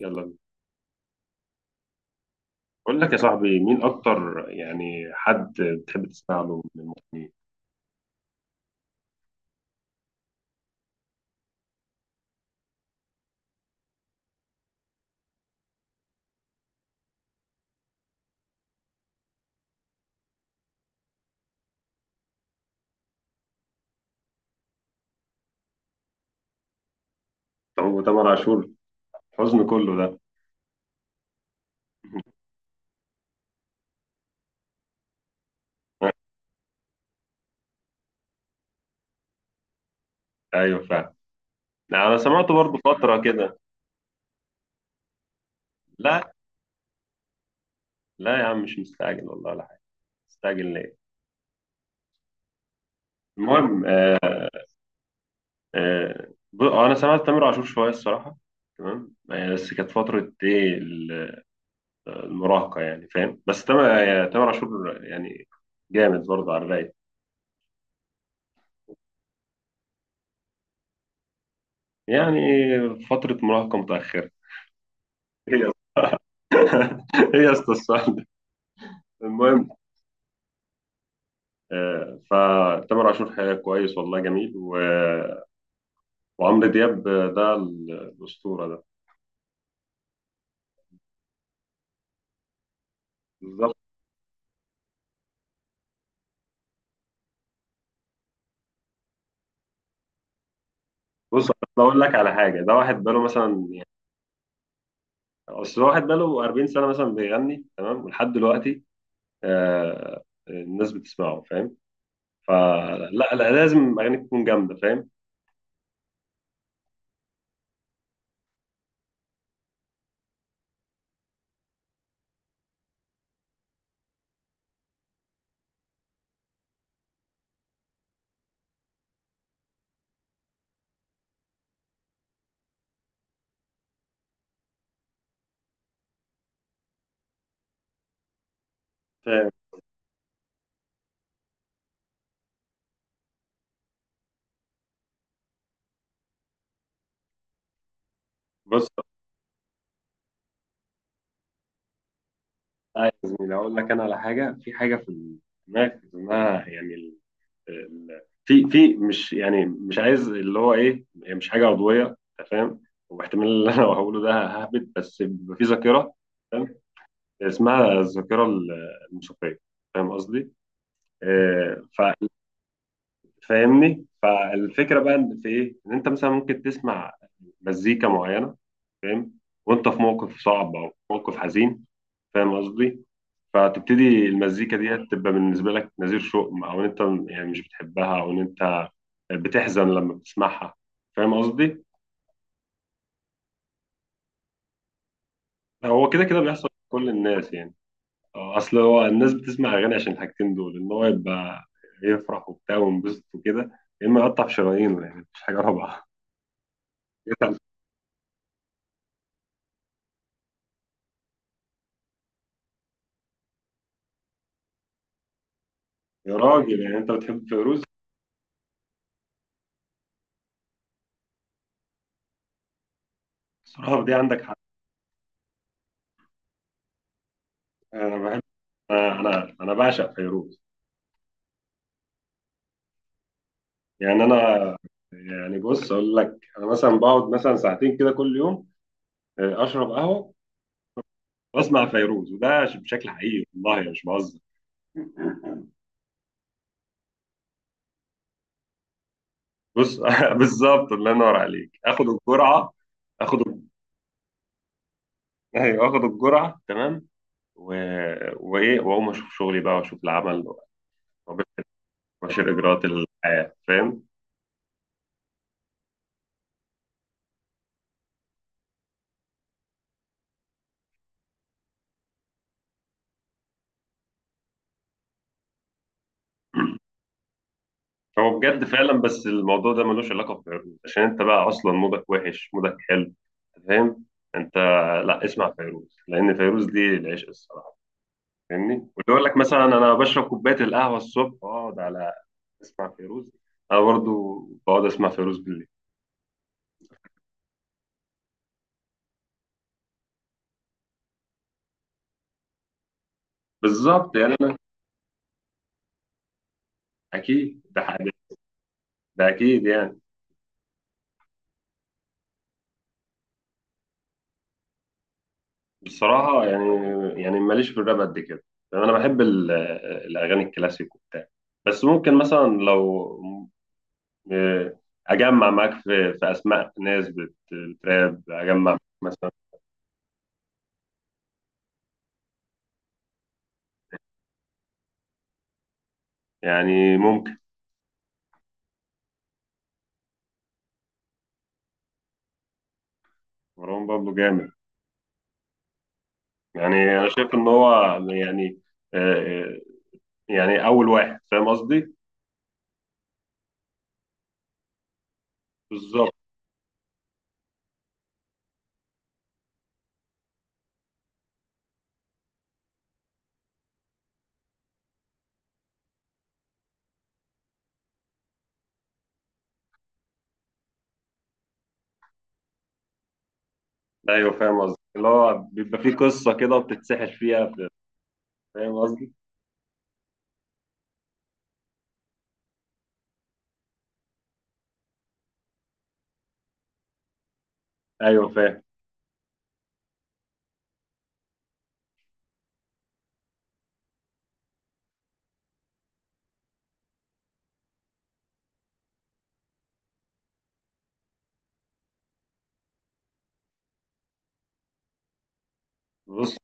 يلا بينا. بقول لك يا صاحبي مين اكتر يعني حد بتحب تسمع له من المغنيين. هو تامر عاشور حزن كله ده. ايوه فعلا. لا، انا سمعته برضو فتره كده. لا لا يا عم مش مستعجل والله ولا حاجه، مستعجل ليه؟ المهم آه، انا سمعت تامر عاشور شويه الصراحه، تمام آه، بس كانت فتره ايه المراهقه، يعني فاهم، بس تامر آه، تامر عاشور يعني جامد برضه على الرايق. يعني فتره مراهقه متاخره. ايه يا اسطى السؤال ده؟ المهم آه، فتامر عاشور حقيقة كويس والله جميل وعمرو دياب آه، ده الأسطورة ده. بالظبط. بص أصل أقول لك على حاجة، ده واحد بقاله مثلا يعني، أصل واحد بقاله 40 سنة مثلا بيغني تمام ولحد دلوقتي، آه، الناس بتسمعه، فاهم؟ فلا، لا لازم أغاني تكون جامدة فاهم. فاهم. بص آه، يا زميلي أقول لك أنا على حاجة، في حاجة في دماغك اسمها يعني، في مش يعني مش عايز اللي هو ايه، هي مش حاجه عضويه انت فاهم، واحتمال اللي انا هقوله ده ههبد بس بيبقى في ذاكره فاهم. اسمها الذاكره الموسيقيه. فاهم قصدي؟ آه، فاهمني؟ فالفكره بقى إن في ايه؟ ان انت مثلا ممكن تسمع مزيكا معينه، فاهم؟ وانت في موقف صعب او في موقف حزين، فاهم قصدي؟ فتبتدي المزيكا ديت تبقى بالنسبة لك نذير شؤم، أو إن أنت يعني مش بتحبها، أو إن أنت بتحزن لما بتسمعها، فاهم قصدي؟ هو كده كده بيحصل لكل الناس يعني. آه، أصل هو الناس بتسمع أغاني عشان الحاجتين دول، إن هو يبقى يفرح وبتاع وينبسط وكده، يا إما يقطع في شرايينه، يعني مفيش حاجة رابعة. يا راجل يعني أنت بتحب فيروز؟ بصراحة دي عندك حق. أنا بحب، أنا بعشق فيروز. يعني أنا، يعني بص أقول لك، أنا مثلا بقعد مثلا ساعتين كده كل يوم، آه، اشرب قهوه واسمع فيروز، وده بشكل حقيقي والله أنا مش بهزر. بص بالظبط، الله ينور عليك، اخد الجرعه، اخد ايوه اخد الجرعه تمام و... وايه، واقوم اشوف شغلي بقى، واشوف العمل، واشوف اجراءات الحياه، فاهم. هو بجد فعلا، بس الموضوع ده ملوش علاقه بفيروز، عشان انت بقى اصلا مودك وحش مودك حلو، فاهم انت. لا، اسمع فيروز لان فيروز دي العشق الصراحه، فاهمني؟ واللي يقول لك مثلا انا بشرب كوبايه القهوه الصبح واقعد على اسمع فيروز، انا برضو بقعد اسمع فيروز بالليل. بالظبط يعني انا، اكيد ده ده اكيد يعني. بصراحه يعني، يعني ماليش في الراب قد كده، يعني انا بحب الاغاني الكلاسيك وبتاع، بس ممكن مثلا لو آه، اجمع معاك في اسماء ناس بتراب، اجمع مثلا، يعني ممكن. مروان بابلو جامد، يعني انا شايف ان هو يعني آه، آه، يعني اول واحد فاهم قصدي. بالظبط. ايوه فاهم قصدي، اللي هو بيبقى فيه قصه كده بتتسحل فيها فاهم قصدي. ايوه فاهم. بص،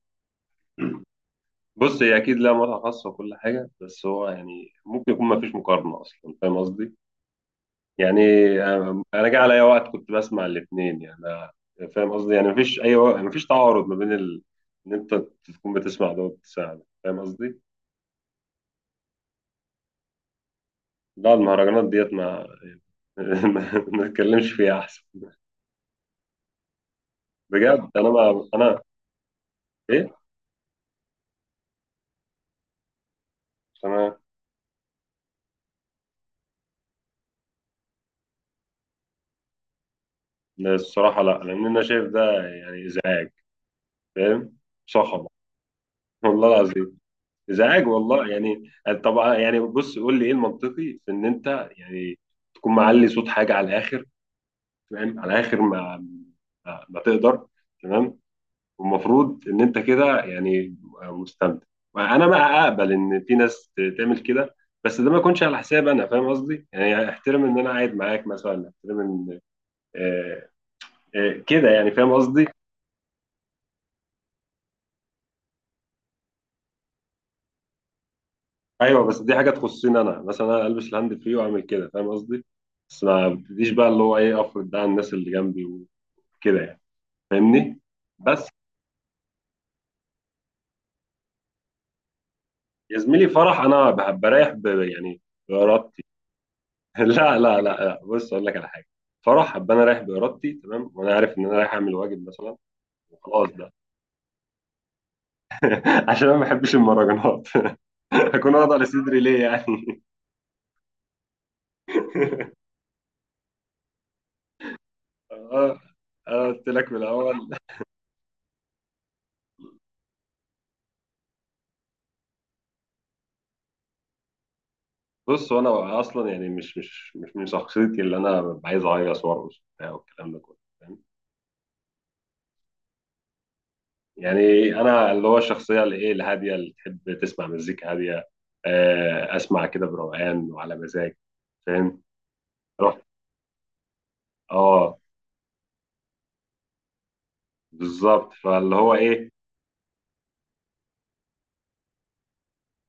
بص هي اكيد لها متعه خاصه وكل حاجه، بس هو يعني ممكن يكون ما فيش مقارنه اصلا فاهم قصدي. يعني انا، جه عليا وقت كنت بسمع الاثنين يعني، فاهم قصدي، يعني ما فيش اي وقت، ما فيش تعارض ما بين ان انت تكون بتسمع ده وبتسمع ده فاهم قصدي. لا المهرجانات ديت ما ما ما نتكلمش فيها احسن. بجد انا ما انا إيه؟ تمام. لا، الصراحة لا، لأن أنا شايف ده يعني إزعاج، فاهم، صخب، والله العظيم إزعاج والله يعني. طبعا يعني بص قول لي إيه المنطقي في إن أنت يعني تكون معلي صوت حاجة على الآخر، فاهم، على الآخر ما تقدر، تمام، والمفروض إن أنت كده يعني مستمتع. أنا بقى أقبل إن في ناس تعمل كده، بس ده ما يكونش على حساب أنا، فاهم قصدي؟ يعني احترم إن أنا قاعد معاك مثلا، احترم إن آه، آه، كده يعني، فاهم قصدي. ايوه بس دي حاجه تخصني انا، مثلا انا البس الهاند فري واعمل كده فاهم قصدي، بس ما ابتديش بقى اللي هو ايه افرض ده على الناس اللي جنبي وكده يعني، فاهمني. بس يا زميلي فرح، انا بحب بريح يعني بارادتي. لا لا لا، لا بص اقول لك على حاجه، فرح ابقى انا رايح بارادتي تمام، وانا عارف ان انا رايح اعمل واجب مثلا وخلاص ده. عشان انا ما بحبش المهرجانات، هكون واضع لصدري ليه يعني؟ اه أنا قلت لك من الاول. بص هو انا اصلا يعني مش من شخصيتي، اللي انا ببقى عايز اهيص وارقص وبتاع والكلام ده كله فاهم، يعني انا اللي هو الشخصيه اللي ايه، الهاديه، اللي تحب تسمع مزيكا هاديه، آه، اسمع كده بروقان وعلى مزاج، فاهم. روح. اه، بالظبط، فاللي هو ايه،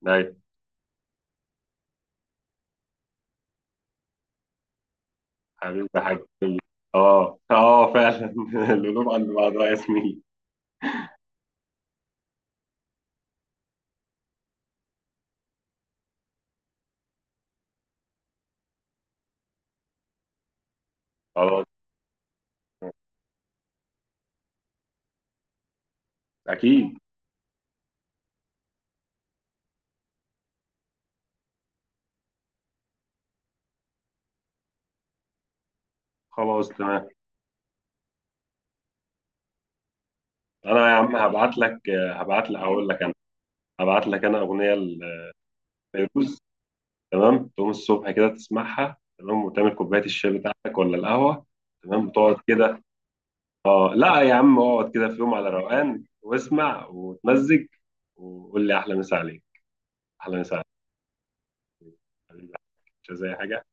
ناي. حبيبي يا حاج، اه اه فعلا. القلوب عند بعضها يا زميلي. خلاص، اكيد، خلاص تمام. انا يا عم هبعت لك، هبعت لك اقول لك، انا هبعت لك انا اغنيه لفيروز، تمام، تقوم الصبح كده تسمعها تمام، وتعمل كوبايه الشاي بتاعتك ولا القهوه. تمام تقعد كده، اه لا يا عم اقعد كده في يوم على روقان واسمع وتمزج، وقول لي احلى مسا عليك، احلى مسا عليك. حبيبي، مش زي حاجه.